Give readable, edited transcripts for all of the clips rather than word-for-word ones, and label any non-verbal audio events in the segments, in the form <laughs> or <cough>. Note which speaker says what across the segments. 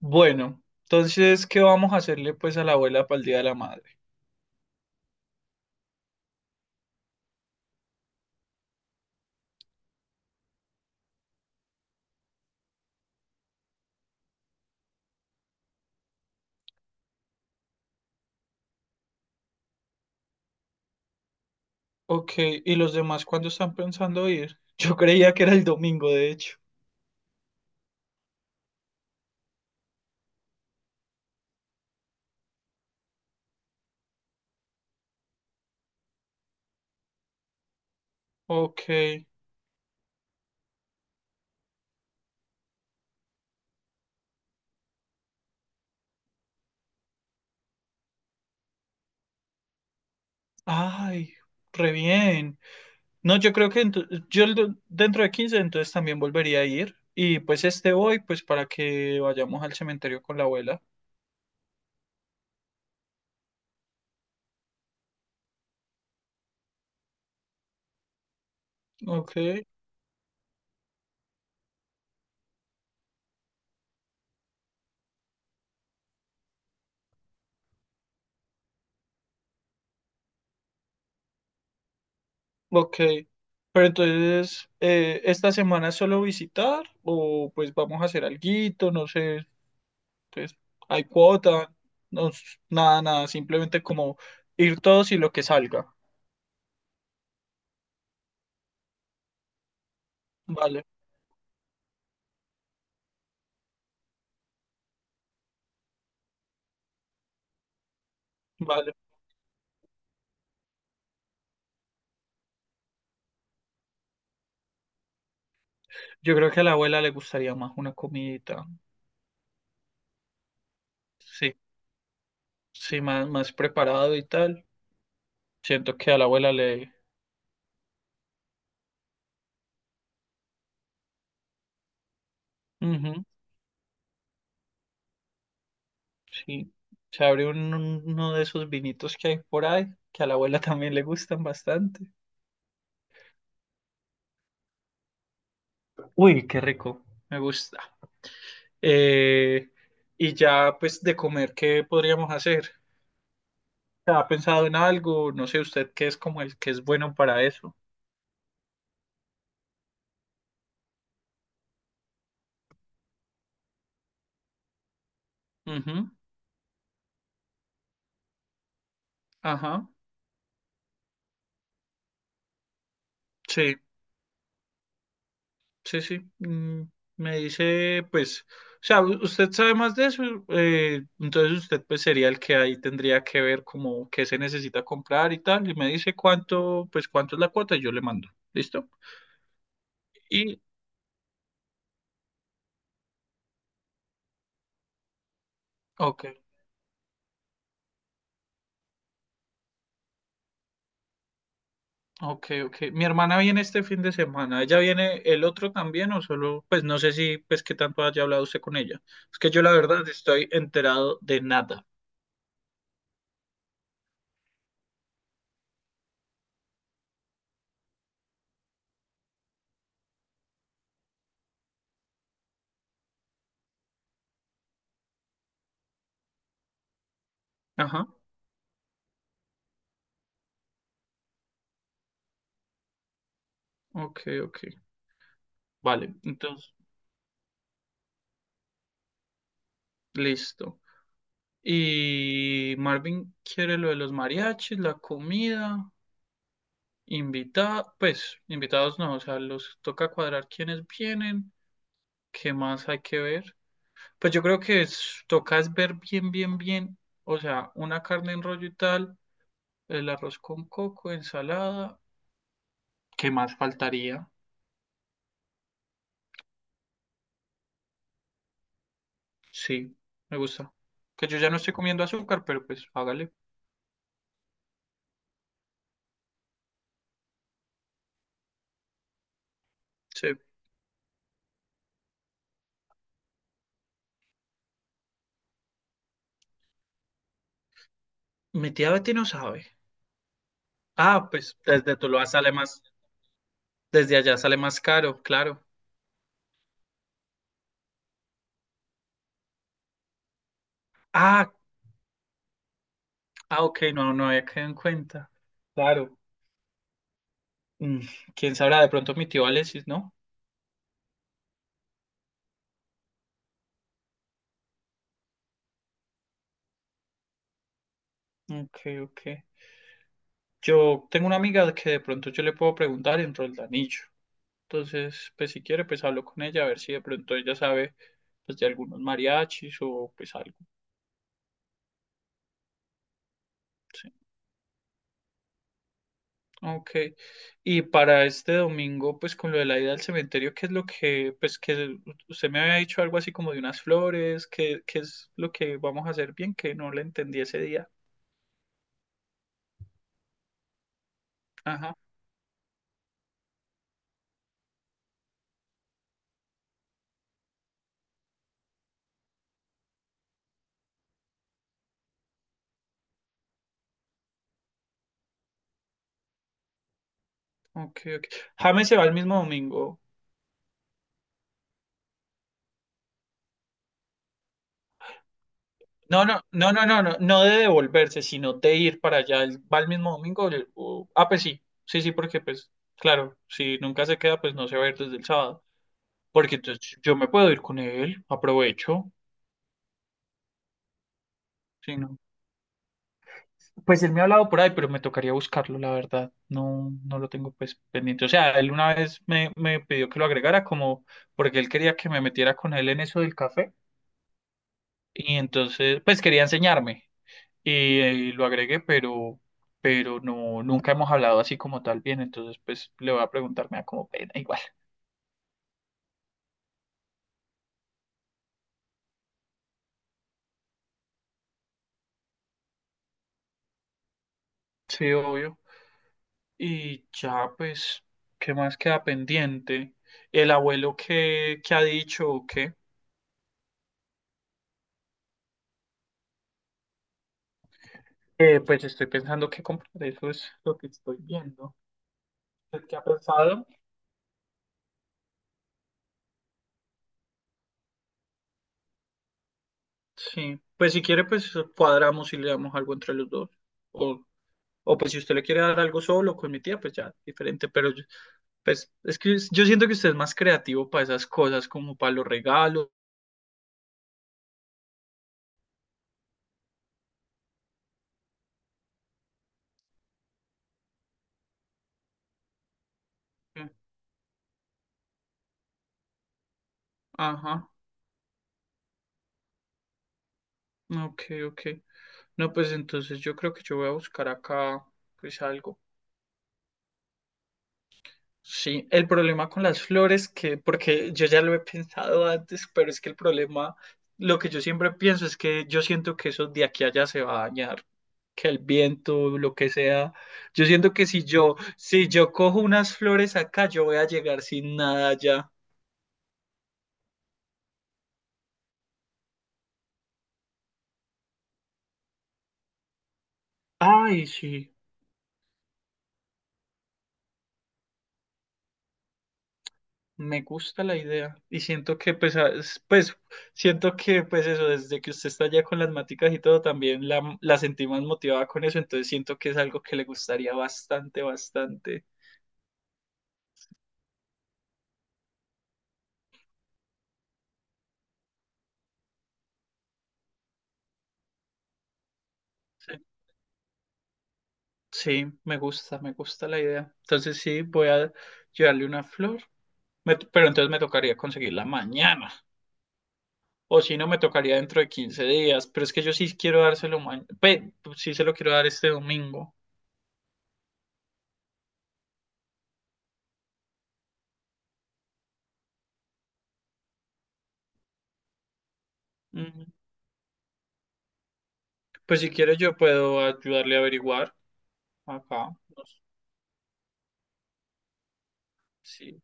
Speaker 1: Bueno, entonces, ¿qué vamos a hacerle pues a la abuela para el Día de la Madre? Ok, ¿y los demás cuándo están pensando ir? <laughs> Yo creía que era el domingo, de hecho. Ok, ay, re bien. No, yo creo que yo dentro de 15 entonces también volvería a ir. Y pues este voy pues para que vayamos al cementerio con la abuela. Ok, ok. Pero entonces, ¿esta semana es solo visitar o pues vamos a hacer alguito? No sé, entonces, hay cuota, no, nada, nada, simplemente como ir todos y lo que salga. Vale, vale. Yo creo que a la abuela le gustaría más una comidita. Sí, sí, más, más preparado y tal. Siento que a la abuela le... Ujú, sí. Se abre uno de esos vinitos que hay por ahí, que a la abuela también le gustan bastante. Uy, qué rico, me gusta. Eh, y ya, pues, de comer, ¿qué podríamos hacer? ¿Ha pensado en algo? No sé, usted qué es como el que es bueno para eso. Ujú, ajá. Sí, sí, sí. Me dice, pues, o sea, usted sabe más de eso, entonces usted pues sería el que ahí tendría que ver como qué se necesita comprar y tal, y me dice cuánto, pues cuánto es la cuota y yo le mando. ¿Listo? Y, ok. Ok, ok. Mi hermana viene este fin de semana. ¿Ella viene el otro también o solo? Pues no sé si, pues qué tanto haya hablado usted con ella. Es que yo la verdad estoy enterado de nada. Ajá. Ok, ok. Vale, entonces, listo. Y Marvin quiere lo de los mariachis, la comida, invitada, pues invitados no, o sea, los toca cuadrar quiénes vienen, qué más hay que ver. Pues yo creo que toca es ver bien, bien, bien, o sea, una carne en rollo y tal. El arroz con coco, ensalada. ¿Qué más faltaría? Sí, me gusta. Que yo ya no estoy comiendo azúcar, pero pues hágale. Sí. Mi tía Betty no sabe. Ah, pues desde Tuluá sale más, desde allá sale más caro, claro. Ah, ah, ok, no, no había quedado en cuenta. Claro. Mm, quién sabrá, de pronto mi tío Alexis, ¿no? Ok, ok. Yo tengo una amiga que de pronto yo le puedo preguntar en Roldanillo. Entonces, pues si quiere, pues hablo con ella a ver si de pronto ella sabe pues, de algunos mariachis o pues algo. Sí. Ok. Y para este domingo, pues con lo de la ida al cementerio, ¿qué es lo que, pues que usted me había dicho algo así como de unas flores? ¿Qué, qué es lo que vamos a hacer bien? Que no le entendí ese día. Ajá. Ok, ok. James se va el mismo domingo. No, no, no, no, no, no, no de devolverse, sino de ir para allá. Él va el mismo domingo. Ah, pues sí, sí, sí, porque pues, claro, si nunca se queda, pues no se va a ir desde el sábado. Porque entonces yo me puedo ir con él, aprovecho. Sí, no. Pues él me ha hablado por ahí, pero me tocaría buscarlo, la verdad. No, no lo tengo pues pendiente. O sea, él una vez me pidió que lo agregara como porque él quería que me metiera con él en eso del café. Y entonces, pues quería enseñarme. Y, lo agregué, pero no, nunca hemos hablado así como tal bien, entonces pues le voy a preguntar, me da como pena <laughs> igual. Sí, obvio. Y ya pues, ¿qué más queda pendiente? ¿El abuelo qué, qué ha dicho o qué? Pues estoy pensando qué comprar, eso es lo que estoy viendo. ¿Usted qué ha pensado? Sí, pues si quiere pues cuadramos y le damos algo entre los dos. O, o pues si usted le quiere dar algo solo con mi tía, pues ya, diferente. Pues es que yo siento que usted es más creativo para esas cosas, como para los regalos. Ajá, ok, ok. No, pues entonces yo creo que yo voy a buscar acá, pues algo. Sí, el problema con las flores, que, porque yo ya lo he pensado antes, pero es que el problema, lo que yo siempre pienso es que yo siento que eso de aquí a allá se va a dañar, que el viento, lo que sea. Yo siento que si yo, si yo cojo unas flores acá, yo voy a llegar sin nada allá. Ay, sí, me gusta la idea. Y siento que, pues, pues, siento que, pues, eso, desde que usted está allá con las maticas y todo, también la sentí más motivada con eso. Entonces siento que es algo que le gustaría bastante, bastante. Sí, sí, me gusta la idea. Entonces sí, voy a llevarle una flor. Pero entonces me tocaría conseguirla mañana. O si no, me tocaría dentro de 15 días. Pero es que yo sí quiero dárselo mañana. Pues, sí se lo quiero dar este domingo. Ujú. Pues si quieres, yo puedo ayudarle a averiguar. Acá. No sé, sí,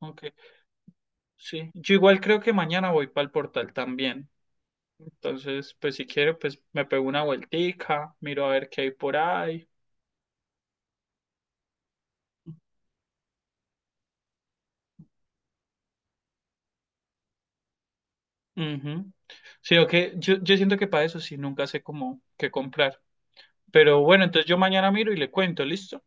Speaker 1: ok. Sí. Yo igual creo que mañana voy para el portal también. Entonces, pues si quiero, pues me pego una vueltica, miro a ver qué hay por ahí. Ujú. Sino que yo siento que para eso sí nunca sé cómo qué comprar. Pero bueno, entonces yo mañana miro y le cuento, ¿listo?